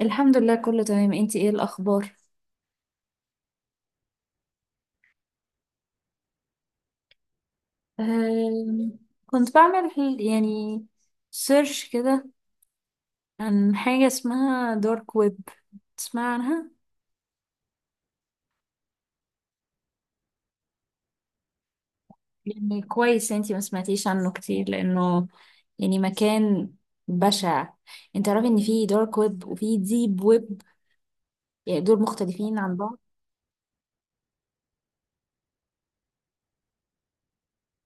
الحمد لله كله تمام. انتي ايه الاخبار؟ أم، كنت بعمل يعني سيرش كده عن حاجة اسمها دارك ويب. تسمع عنها؟ يعني كويس انتي ما سمعتيش عنه كتير لانه يعني مكان بشع. انت تعرفي ان في دارك ويب وفي ديب ويب؟ يعني دول مختلفين عن بعض.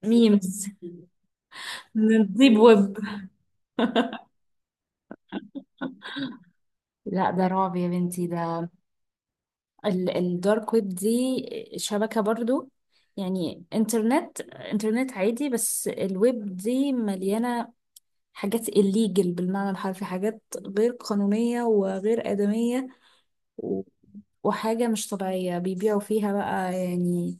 ميمز من الديب ويب. لا ده رعب يا بنتي ده. الدارك ويب دي شبكة برضو، يعني انترنت عادي، بس الويب دي مليانة حاجات الليجل بالمعنى الحرفي، حاجات غير قانونية وغير آدمية، و- وحاجة مش طبيعية بيبيعوا فيها بقى، يعني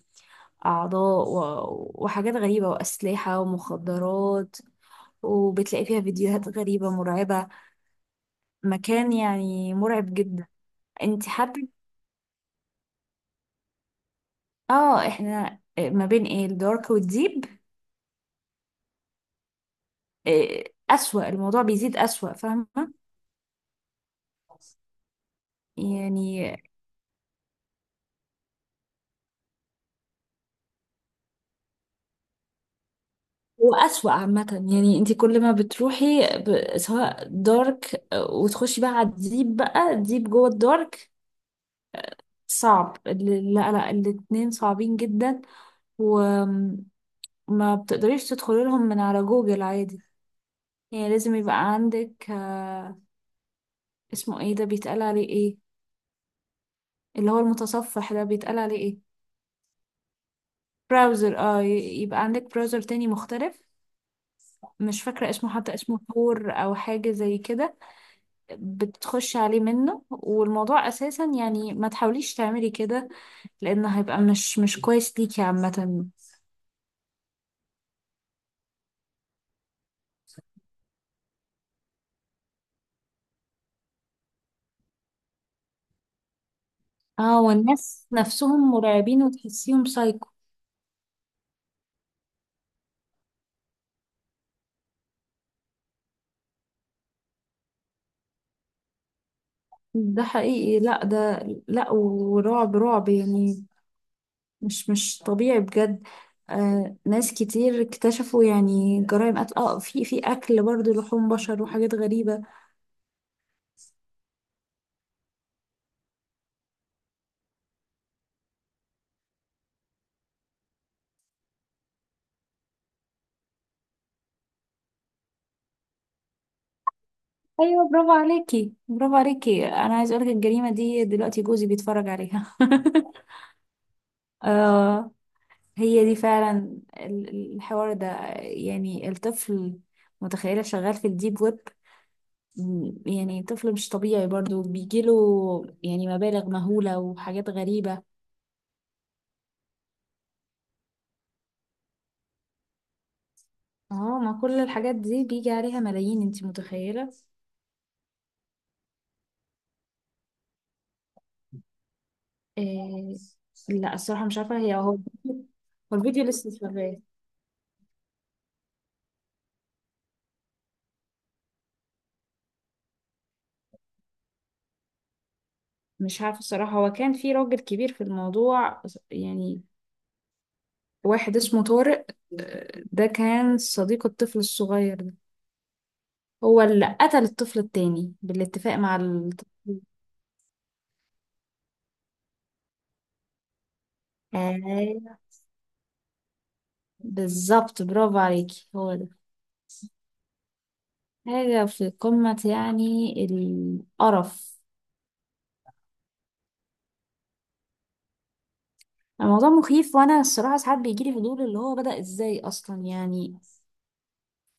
أعضاء وحاجات غريبة وأسلحة ومخدرات، وبتلاقي فيها فيديوهات غريبة مرعبة، مكان يعني مرعب جدا. انت حابة اه احنا ما بين ايه الدارك والديب؟ آه، أسوأ، الموضوع بيزيد أسوأ، فاهمة؟ يعني هو أسوأ عامة. يعني انت كل ما بتروحي سواء دارك وتخشي بقى على الديب، بقى الديب جوه الدارك. صعب لا لا الاتنين صعبين جدا. وما بتقدريش تدخلي لهم من على جوجل عادي، يعني لازم يبقى عندك اسمه ايه ده، بيتقال عليه ايه؟ اللي هو المتصفح ده بيتقال عليه ايه؟ براوزر اه يبقى عندك براوزر تاني مختلف. مش فاكرة اسمه حتى، اسمه ثور أو حاجة زي كده. بتخش عليه منه، والموضوع أساسا يعني ما تحاوليش تعملي كده، لأن هيبقى مش كويس ليكي عامة. اه والناس نفسهم مرعبين وتحسيهم سايكو. ده حقيقي، لا ده، لا، ورعب رعب يعني، مش طبيعي بجد. آه ناس كتير اكتشفوا يعني جرائم قتل، في أكل برضه لحوم بشر وحاجات غريبة. ايوه، برافو عليكي، برافو عليكي، انا عايز اقولك الجريمه دي دلوقتي جوزي بيتفرج عليها. آه. هي دي فعلا الحوار ده، يعني الطفل، متخيله شغال في الديب ويب؟ يعني طفل مش طبيعي برضو بيجيله يعني مبالغ مهوله وحاجات غريبه. اه ما كل الحاجات دي بيجي عليها ملايين، انتي متخيله؟ إيه، لا الصراحه مش عارفه، هي هو الفيديو، هو الفيديو لسه شغال. مش عارفة الصراحة، هو كان في راجل كبير في الموضوع، يعني واحد اسمه طارق. ده كان صديق الطفل الصغير ده، هو اللي قتل الطفل التاني بالاتفاق مع الطفل. آه بالظبط، برافو عليكي، هو ده. حاجة في قمة يعني القرف. الموضوع مخيف، وأنا الصراحة ساعات بيجيلي فضول اللي هو بدأ إزاي أصلا يعني،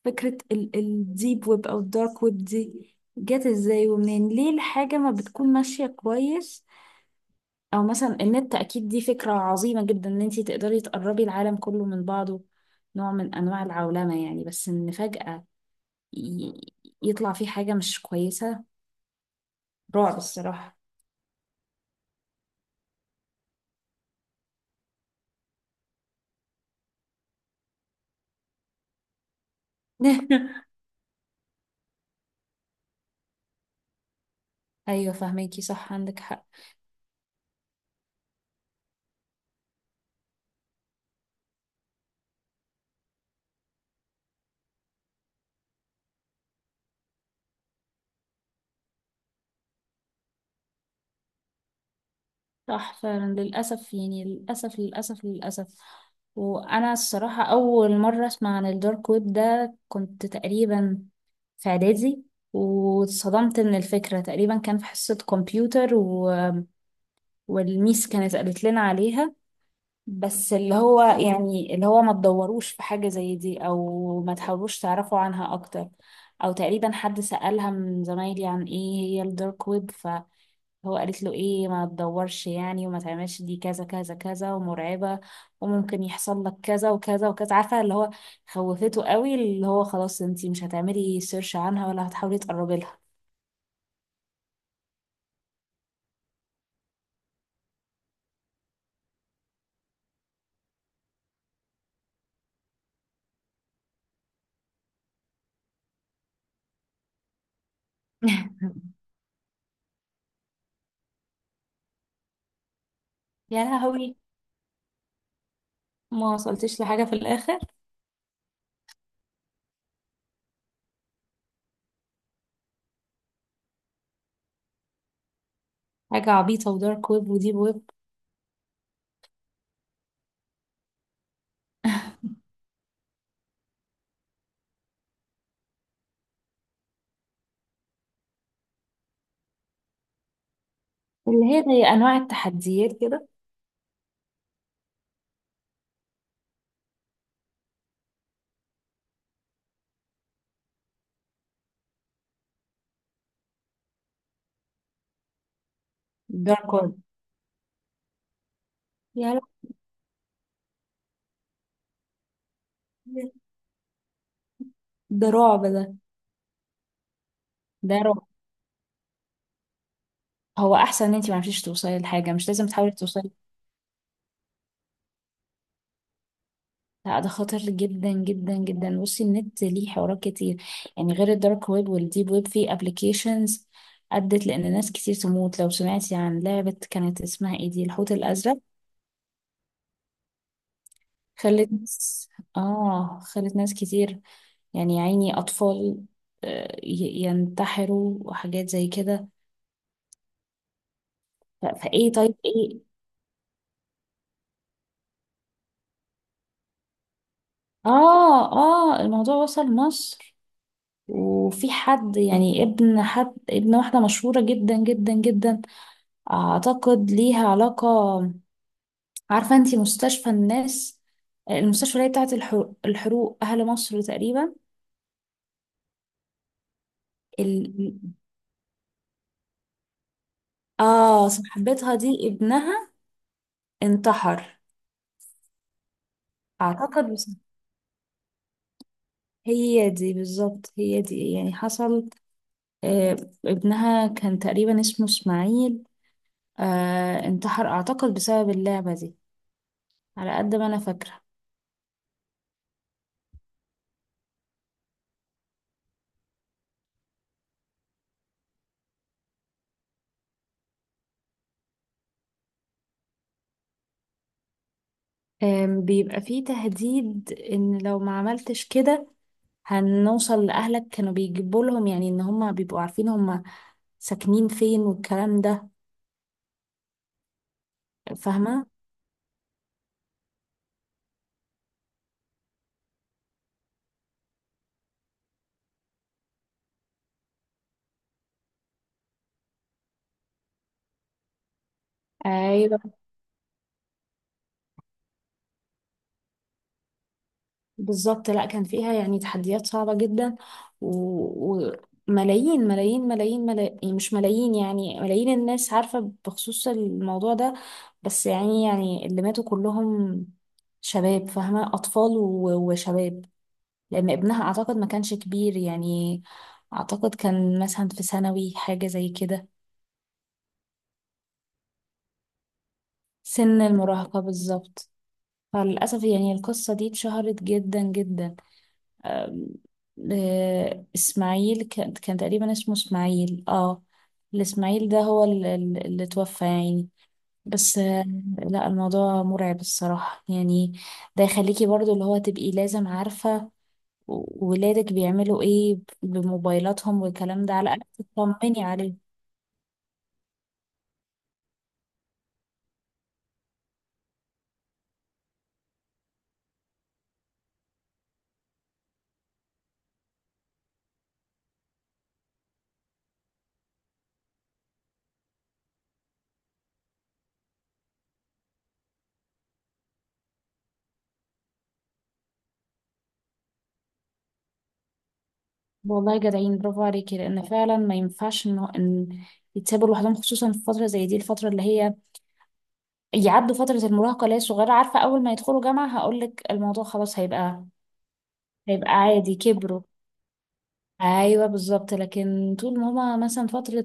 فكرة الديب ويب أو الدارك ويب دي جت ازاي ومنين، ليه الحاجة ما بتكون ماشية كويس؟ أو مثلا النت أكيد دي فكرة عظيمة جدا، إن انتي تقدري تقربي العالم كله من بعضه، نوع من أنواع العولمة يعني، بس إن فجأة ي- يطلع فيه حاجة مش كويسة، رعب الصراحة. أيوة فهميكي صح، عندك حق. صح فعلا للأسف يعني، للأسف للأسف للأسف. وأنا الصراحة أول مرة أسمع عن الدارك ويب ده كنت تقريبا في اعدادي، واتصدمت من الفكرة. تقريبا كان في حصة كمبيوتر والميس كانت قالت لنا عليها، بس اللي هو يعني اللي هو ما تدوروش في حاجة زي دي او ما تحاولوش تعرفوا عنها اكتر. او تقريبا حد سألها من زمايلي عن ايه هي الدارك ويب، فهو قالت له ايه ما تدورش يعني وما تعملش، دي كذا كذا كذا ومرعبة، وممكن يحصل لك كذا وكذا وكذا، عارفة اللي هو خوفته قوي، اللي هو خلاص انتي مش هتعملي سيرش عنها ولا هتحاولي تقربي لها. يا لهوي، ما وصلتش لحاجة في الآخر. حاجة عبيطة، ودارك ويب وديب ويب. اللي هي زي أنواع التحديات كده، دارك ويب. يا لهوي، ده رعب ده. ده رعب. هو أحسن إن أنتي معرفتيش توصلي لحاجة، مش لازم تحاولي توصلي. لا ده خطر جدا جدا جدا. بصي، النت ليه حوارات كتير، يعني غير الدارك ويب والديب ويب في أبليكيشنز أدت لأن ناس كتير تموت. لو سمعتي عن لعبة كانت اسمها إيه دي، الحوت الأزرق، خلت ناس، خلت ناس كتير، يعني يا عيني أطفال، ينتحروا وحاجات زي كده. فإيه طيب إيه. الموضوع وصل مصر. وفي حد يعني ابن حد، ابن واحدة مشهورة جدا جدا جدا، أعتقد ليها علاقة. عارفة أنتي مستشفى الناس، المستشفى اللي هي بتاعت الحروق أهل مصر تقريبا؟ ال... آه صاحبتها دي، ابنها انتحر، أعتقد. بس هي دي بالظبط، هي دي يعني حصل. آه، ابنها كان تقريبا اسمه اسماعيل. انتحر اعتقد بسبب اللعبة دي، على قد ما انا فاكرة. بيبقى فيه تهديد ان لو ما عملتش كده هنوصل لأهلك، كانوا بيجيبوا لهم يعني، ان هما بيبقوا عارفين هما ساكنين فين والكلام ده، فاهمة. ايوه بالظبط، لا كان فيها يعني تحديات صعبة جدا و- وملايين ملايين ملايين ملايين، مش ملايين يعني، ملايين الناس عارفة بخصوص الموضوع ده. بس يعني اللي ماتوا كلهم شباب، فاهمة، أطفال وشباب. لأن ابنها أعتقد ما كانش كبير يعني، أعتقد كان مثلا في ثانوي، حاجة زي كده. سن المراهقة بالظبط. فللأسف يعني القصة دي اتشهرت جدا جدا. آم، اسماعيل، كان تقريبا اسمه اسماعيل، الاسماعيل ده هو اللي توفى يعني. بس لا الموضوع مرعب الصراحة يعني. ده يخليكي برضو اللي هو تبقي لازم عارفة ولادك بيعملوا ايه بموبايلاتهم والكلام ده، على الأقل تطمني عليهم. والله جدعين، برافو عليكي، لأن فعلا ما ينفعش إن يتسابوا لوحدهم، خصوصا في فترة زي دي، الفترة اللي هي يعدوا فترة المراهقة اللي هي صغيرة. عارفة أول ما يدخلوا جامعة هقولك الموضوع خلاص هيبقى، هيبقى عادي، كبروا. أيوة بالظبط، لكن طول ما هما مثلا فترة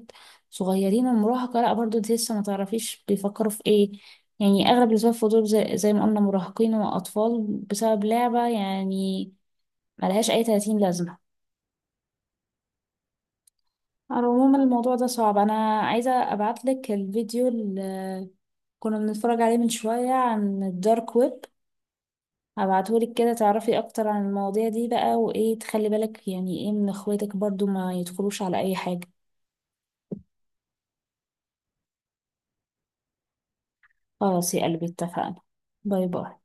صغيرين ومراهقة، لأ برضه انت لسه ما تعرفيش بيفكروا في ايه، يعني أغلب اللي سبب فضول زي ما قلنا مراهقين وأطفال بسبب لعبة يعني، ملهاش أي تلاتين لازمة. على العموم الموضوع ده صعب. أنا عايزة أبعتلك الفيديو اللي كنا بنتفرج عليه من شوية عن الدارك ويب، هبعتهولك كده تعرفي اكتر عن المواضيع دي بقى، وايه تخلي بالك يعني ايه من اخواتك برضو ما يدخلوش على اي حاجة. خلاص يا قلبي اتفقنا. باي باي.